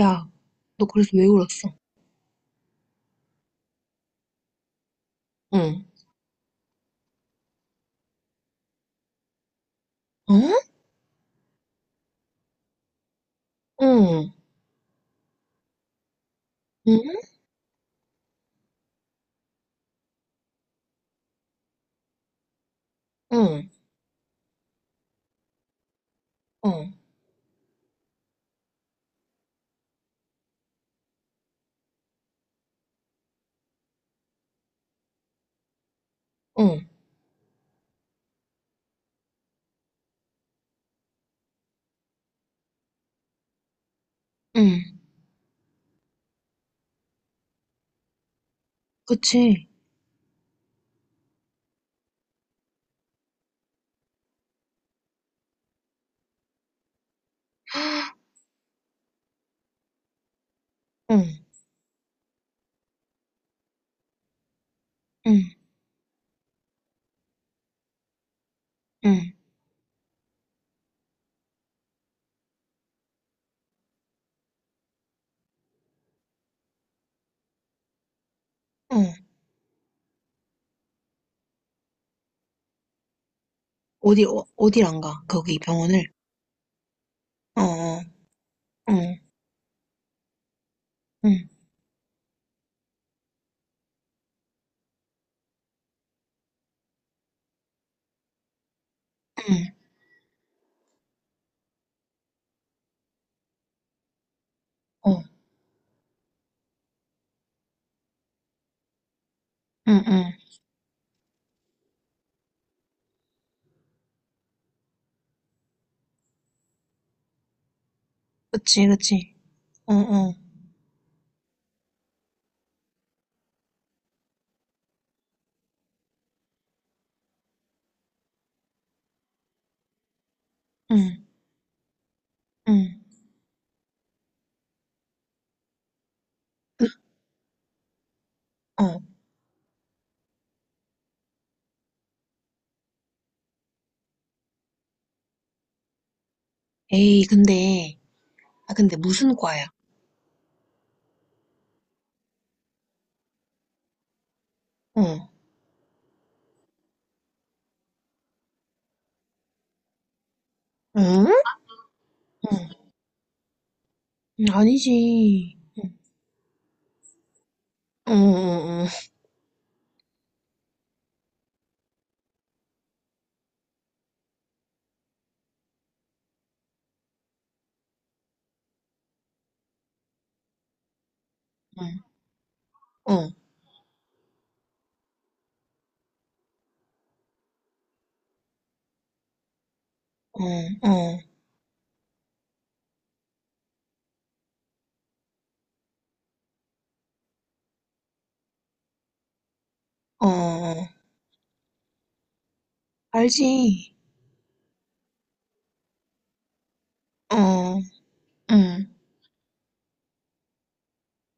야, 너 그래서 왜 울었어? 응. 어? 응. 응? 응. 어. 응. 응. 그치. 응. 응. 응. 어. 어디, 어딜 안 가? 거기 병원을. 어. 어. 응. 응. 응. 어. 응. 응. 그치. 그치. 어. 어. 응. 응. 그, 어. 에이, 근데. 아, 근데 무슨 과야? 어. 응? 응. 아니지. 어. 어. 어. 어. 어. 어. 어. 어. 어. 알지. 어, 응.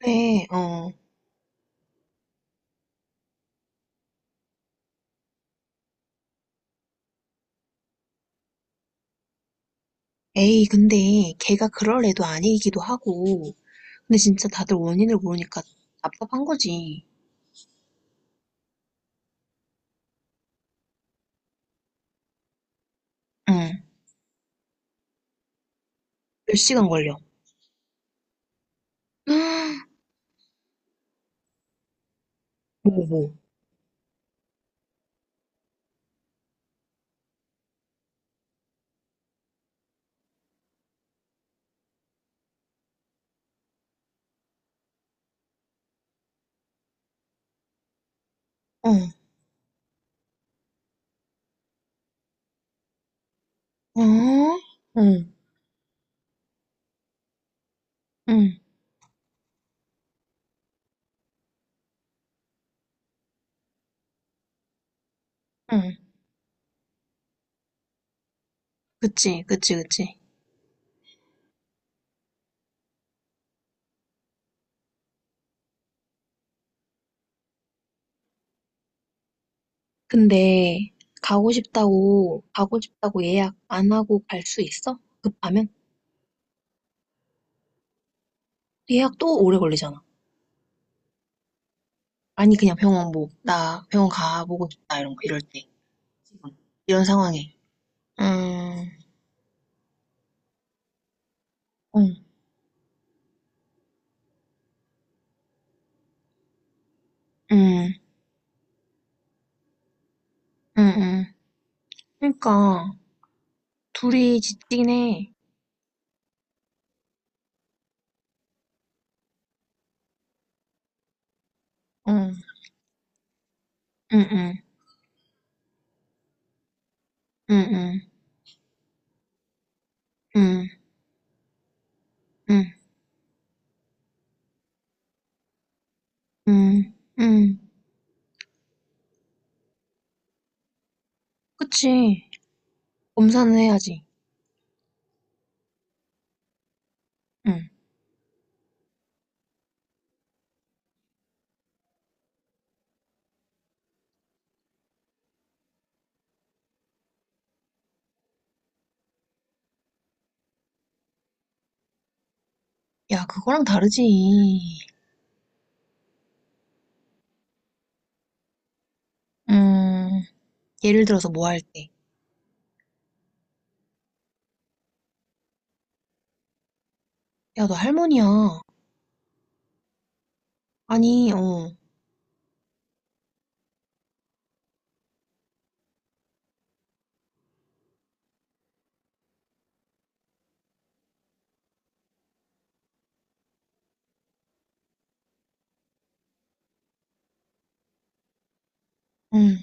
네, 어. 에이, 근데 걔가 그럴 애도 아니기도 하고. 근데 진짜 다들 원인을 모르니까 답답한 거지. 응. 몇 시간 걸려? 뭐. 어, 어? 응, 응, 응. 그치, 그치, 그치. 근데 가고 싶다고, 가고 싶다고 예약 안 하고 갈 수 있어? 급하면? 예약 또 오래 걸리잖아. 아니, 그냥 병원 뭐, 나 병원 가보고 싶다, 이런 거, 이럴 때. 지금. 이런 상황에. 음. 응, 응, 응, 응. 그러니까 둘이 지치긴 해. 응, 응, 응, 응, 응, 응, 응, 응, 응. 그치. 검사는 해야지. 응. 야, 그거랑 다르지. 음, 예를 들어서 뭐 할 때. 야, 너 할머니야. 아니, 어, 응,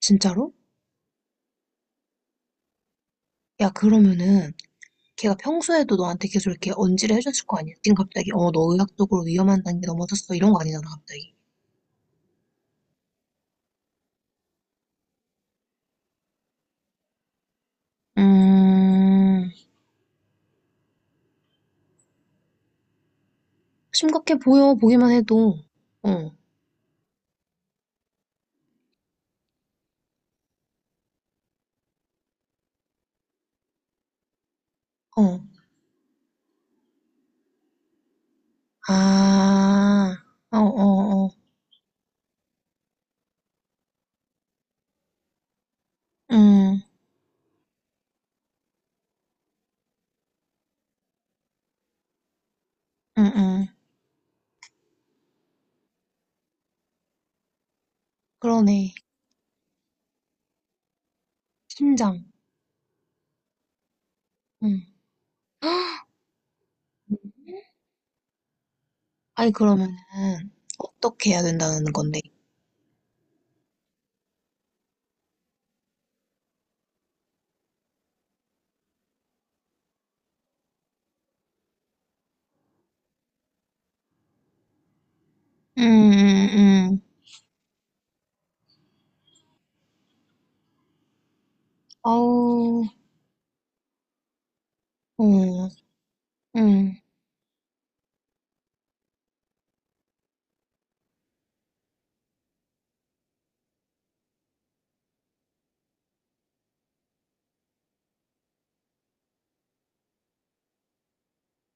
진짜로? 야, 그러면은 걔가 평소에도 너한테 계속 이렇게 언질을 해줬을 거 아니야? 지금 갑자기 어, 너 의학적으로 위험한 단계 넘어졌어 이런 거 아니잖아, 갑자기. 음. 심각해 보여, 보기만 해도. 어, 어. 아, 어, 어, 어. 음, 음, 음. 그러네. 심장. 음. 아니, 그러면은, 어떻게 해야 된다는 건데? 음, 음, 음. 아우, 어, 음,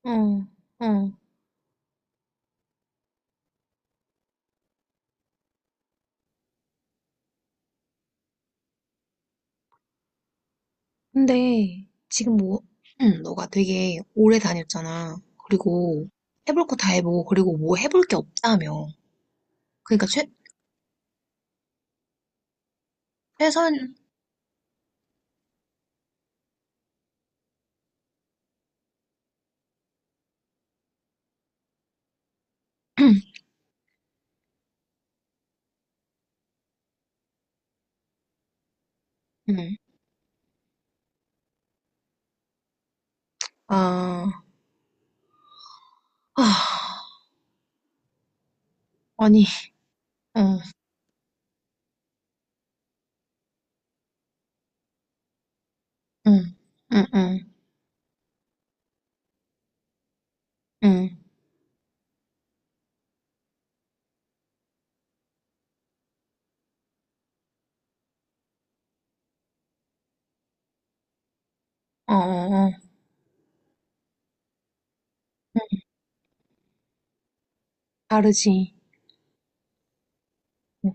어, 어. 근데, 지금 뭐, 너가 되게 오래 다녔잖아. 그리고, 해볼 거 다 해보고, 그리고 뭐 해볼 게 없다며. 그러니까, 최선, 음. 아, 아, 아니, 응, 응, 응, 응, 응, 어, 어, 어, 응, 다르지. 응.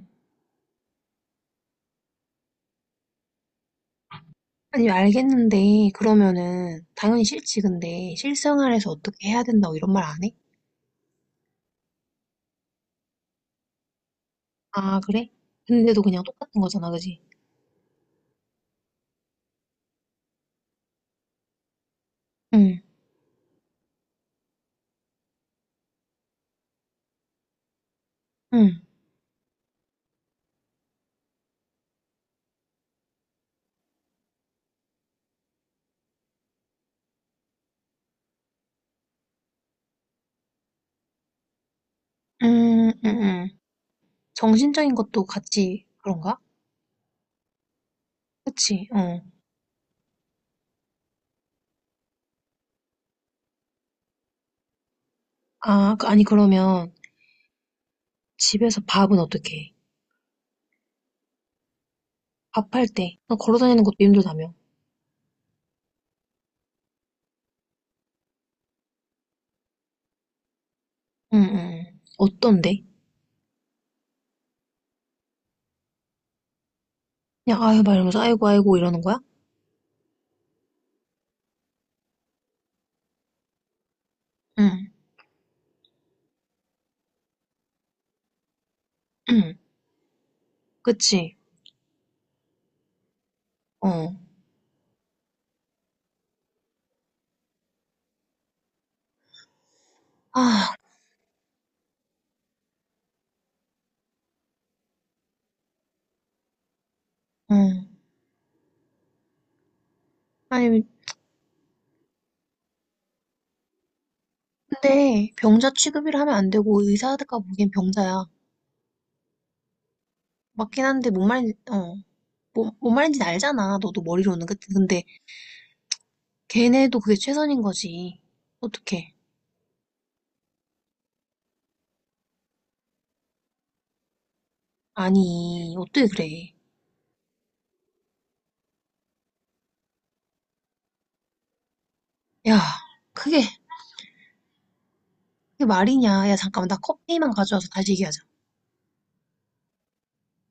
아니, 알겠는데, 그러면은, 당연히 싫지, 근데, 실생활에서 어떻게 해야 된다고 이런 말 안 해? 아, 그래? 근데도 그냥 똑같은 거잖아, 그지? 응, 응, 응, 응, 응. 정신적인 것도 같이 그런가? 그치, 어. 아, 아니, 그러면, 집에서 밥은 어떻게 해? 밥할 때, 너 걸어 다니는 것도 힘들다며. 응, 응, 응. 어떤데? 그냥, 아유, 막 이러면서, 아이고, 아이고, 이러는 거야? 응, 응, 그치. 어. 아, 어. 아니, 근데 병자 취급이라 하면 안 되고 의사가 보기엔 병자야. 맞긴 한데 뭔 말인지, 어. 뭔 말인지 알잖아. 너도 머리로는. 그치? 근데 걔네도 그게 최선인 거지. 어떡해. 아니, 어떻게 그래. 야, 그게, 그게 말이냐. 야, 잠깐만. 나 커피만 가져와서 다시 얘기하자.